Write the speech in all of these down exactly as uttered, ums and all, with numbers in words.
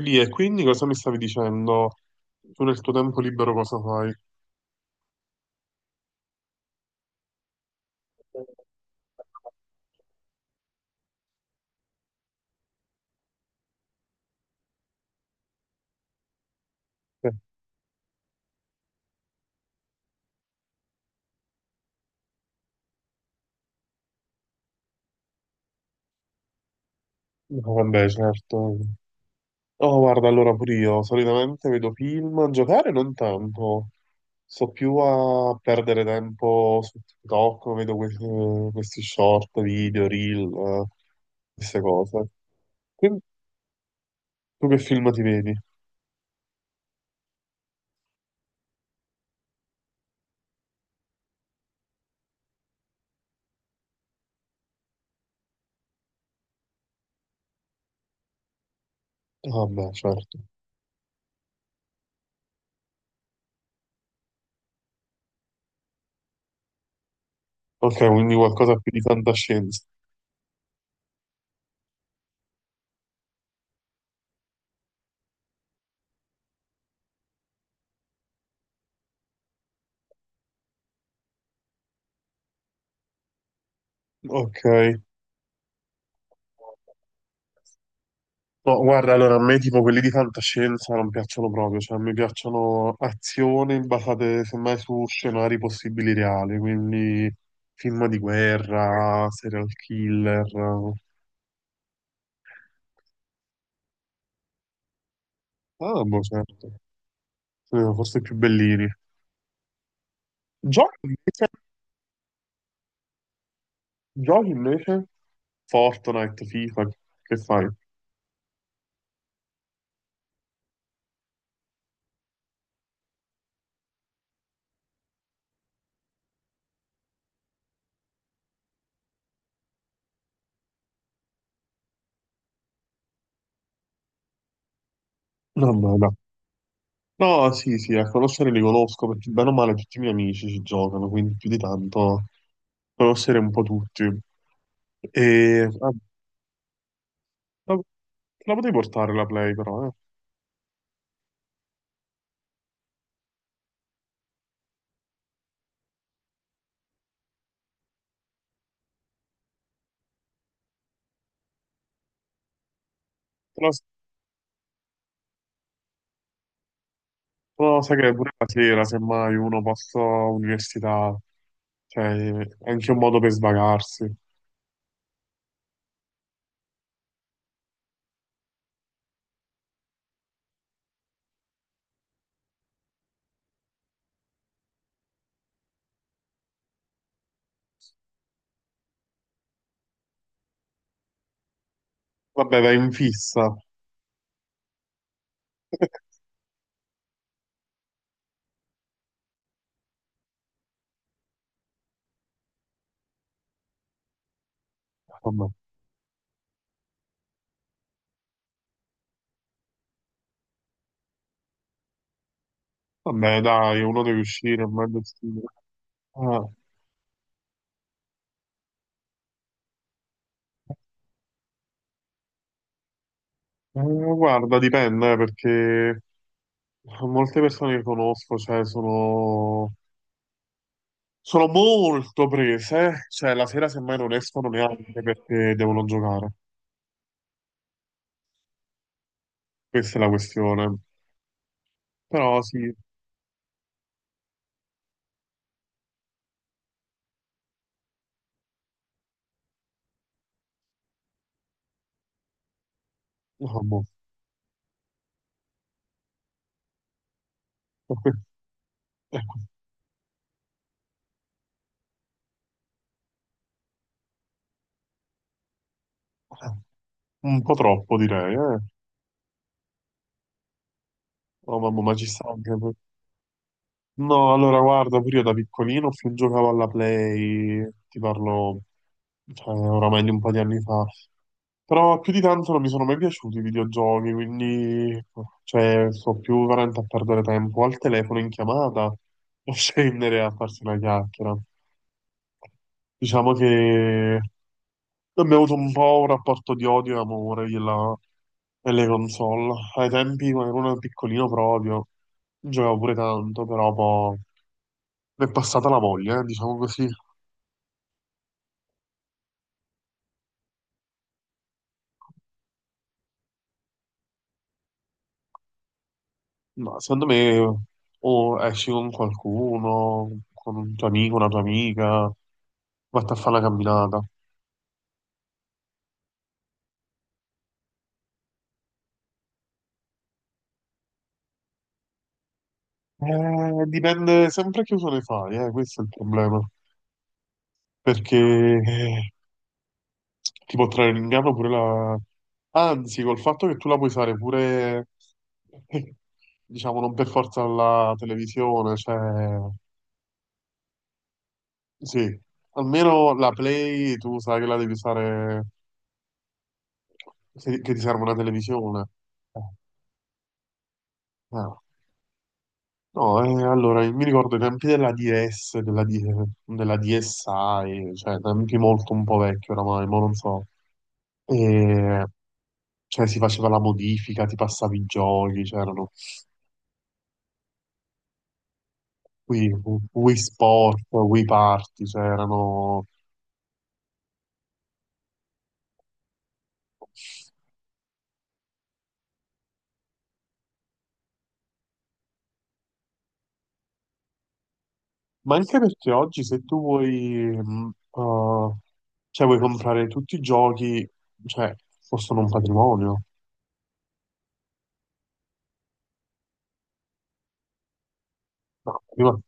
Lì e quindi cosa mi stavi dicendo? Tu nel tuo tempo libero cosa fai? Eh. No, vabbè, certo. Oh, guarda, allora pure io solitamente vedo film, giocare non tanto. Sto più a perdere tempo su TikTok, vedo questi, questi short, video, reel, eh, queste cose. Quindi, tu che film ti vedi? Ah, vabbè, certo. Ok, quindi qualcosa più di fantascienza. Ok. No, guarda, allora a me tipo quelli di fantascienza non piacciono proprio, cioè mi piacciono azioni basate semmai su scenari possibili reali, quindi film di guerra, serial killer. Ah, boh, certo. Sì, forse più bellini. Giochi invece, giochi invece, Fortnite, FIFA, che fai? No, no, no. No, sì, sì, a conoscere li conosco perché bene o male tutti i miei amici ci giocano, quindi più di tanto conoscere un po' tutti. E, vabbè, La, te la potevi portare la Play però, eh. Però, però sai che pure la sera, semmai uno posso università, cioè è anche un modo per svagarsi. Vabbè, vai in fissa. Vabbè, Vabbè, dai, uno deve uscire, è meglio uscire. Ah, eh, guarda, dipende, eh, perché molte persone che conosco, cioè, sono, sono molto prese, eh. Cioè la sera semmai non escono neanche perché devono giocare. Questa è la questione. Però sì, no, boh. Un po' troppo direi, eh. Oh mamma, ma ci sta anche... per- No, allora guarda, pure io da piccolino più giocavo alla Play, ti parlo, cioè, oramai di un po' di anni fa. Però più di tanto non mi sono mai piaciuti i videogiochi, quindi cioè, sto più veramente a perdere tempo al telefono in chiamata o scendere a farsi una chiacchiera. Diciamo che abbiamo avuto un po' un rapporto di odio e amore della- delle console. Ai tempi, quando ero uno piccolino proprio, giocavo pure tanto, però poi mi è passata la voglia, eh, diciamo così. Ma secondo me o esci con qualcuno, con un tuo amico, una tua amica, vatti a fare una camminata. Eh, dipende sempre che uso ne fai, eh, questo è il problema. Perché eh, ti può trarre in inganno pure la, Anzi, col fatto che tu la puoi usare pure, diciamo, non per forza la televisione, cioè, sì, almeno la Play tu sai che la devi usare, se- che ti serve una televisione. Eh, eh. No, eh, allora, mi ricordo i tempi della D S, della, D- della D S i, cioè, tempi molto un po' vecchi oramai, ma non so. E, cioè, si faceva la modifica, ti passavi i giochi, c'erano. Wii. Wii Sport, Wii Party, cioè erano. Ma anche perché oggi se tu vuoi, mh, eh, cioè vuoi comprare tutti i giochi, cioè costano un patrimonio. No, prima,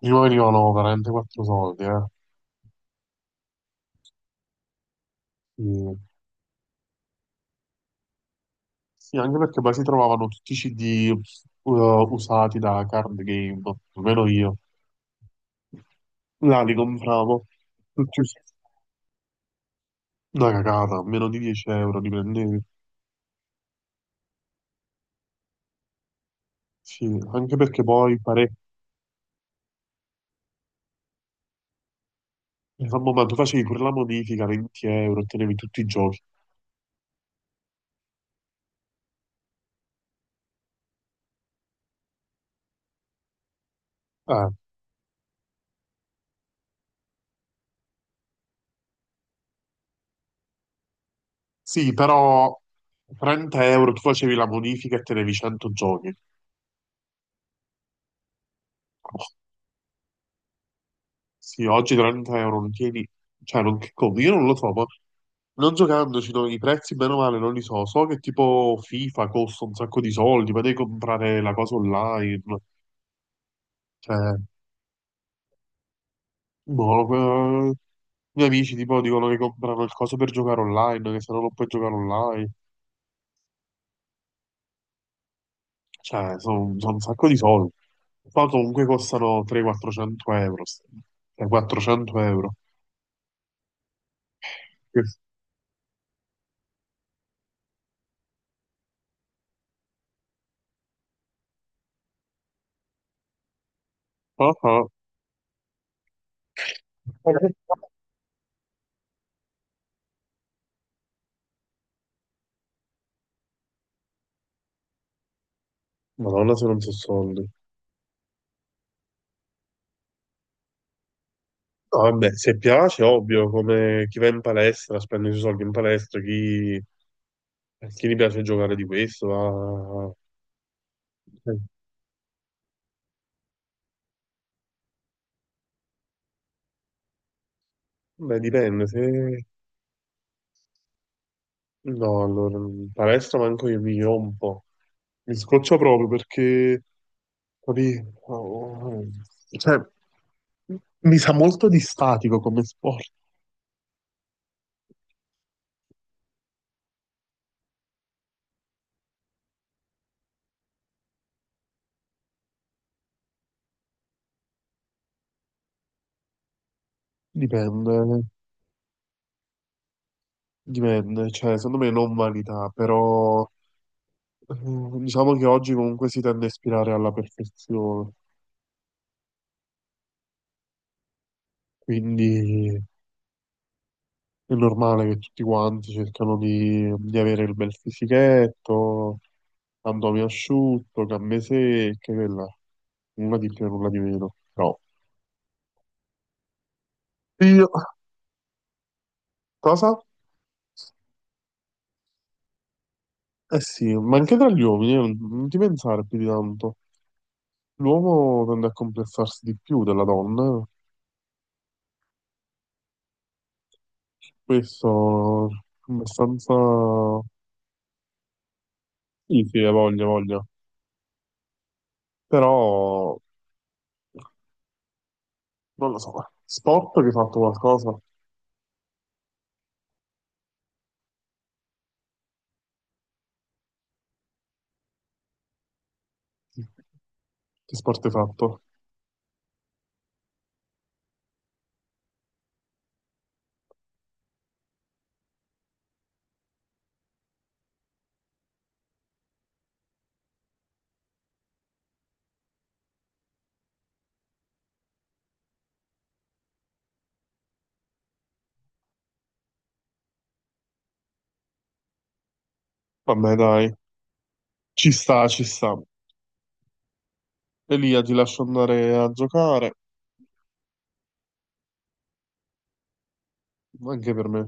prima venivano veramente quattro soldi, eh. Sì. Sì, anche perché poi si trovavano tutti i C D eh, usati da card game, almeno io. Là li compravo. Tutti us- Una cagata, meno di dieci euro li prendevi. Sì, anche perché poi pare. A momento facevi pure la modifica, venti euro, ottenevi tutti i giochi. Eh, sì, però trenta euro tu facevi la modifica e tenevi cento giochi. Oh, sì, oggi trenta euro non tieni. Cioè, non che conto, io non lo so, ma non giocandoci no, i prezzi, bene o male, non li so. So che tipo FIFA costa un sacco di soldi, ma devi comprare la cosa online. Cioè, boh, eh, i miei amici tipo dicono che comprano il coso per giocare online, che se no non puoi giocare online. Cioè, sono un sacco di soldi. Poi comunque costano trecento-quattrocento euro. st- cioè, quattrocento euro. Che- Ah, ah. Madonna, se non so soldi. No, vabbè, se piace, ovvio, come chi va in palestra spende i suoi soldi in palestra, chi, chi gli piace giocare di questo, va. Eh, beh, dipende, se. No, allora, in palestra manco io mi rompo. Mi scoccio proprio perché, capì? Oh, cioè, mi sa molto di statico come sport. Dipende, dipende. Cioè, secondo me non vanità, però eh, diciamo che oggi comunque si tende a ispirare alla perfezione. Quindi è normale che tutti quanti cercano di, di avere il bel fisichetto, abdomen asciutto, gambe secche, quella. Nulla di più, nulla di meno. Però io, cosa? Eh sì, ma anche tra gli uomini, eh, non ti pensare più di tanto. L'uomo tende a complessarsi di più della donna, eh. Questo è abbastanza. Sì, sì, ha voglia, ha voglia. Però, non lo so, sport che hai fatto qualcosa? Che sport hai fatto? Vabbè, dai. Ci sta, ci sta. Elia, ti lascio andare a giocare, anche per me.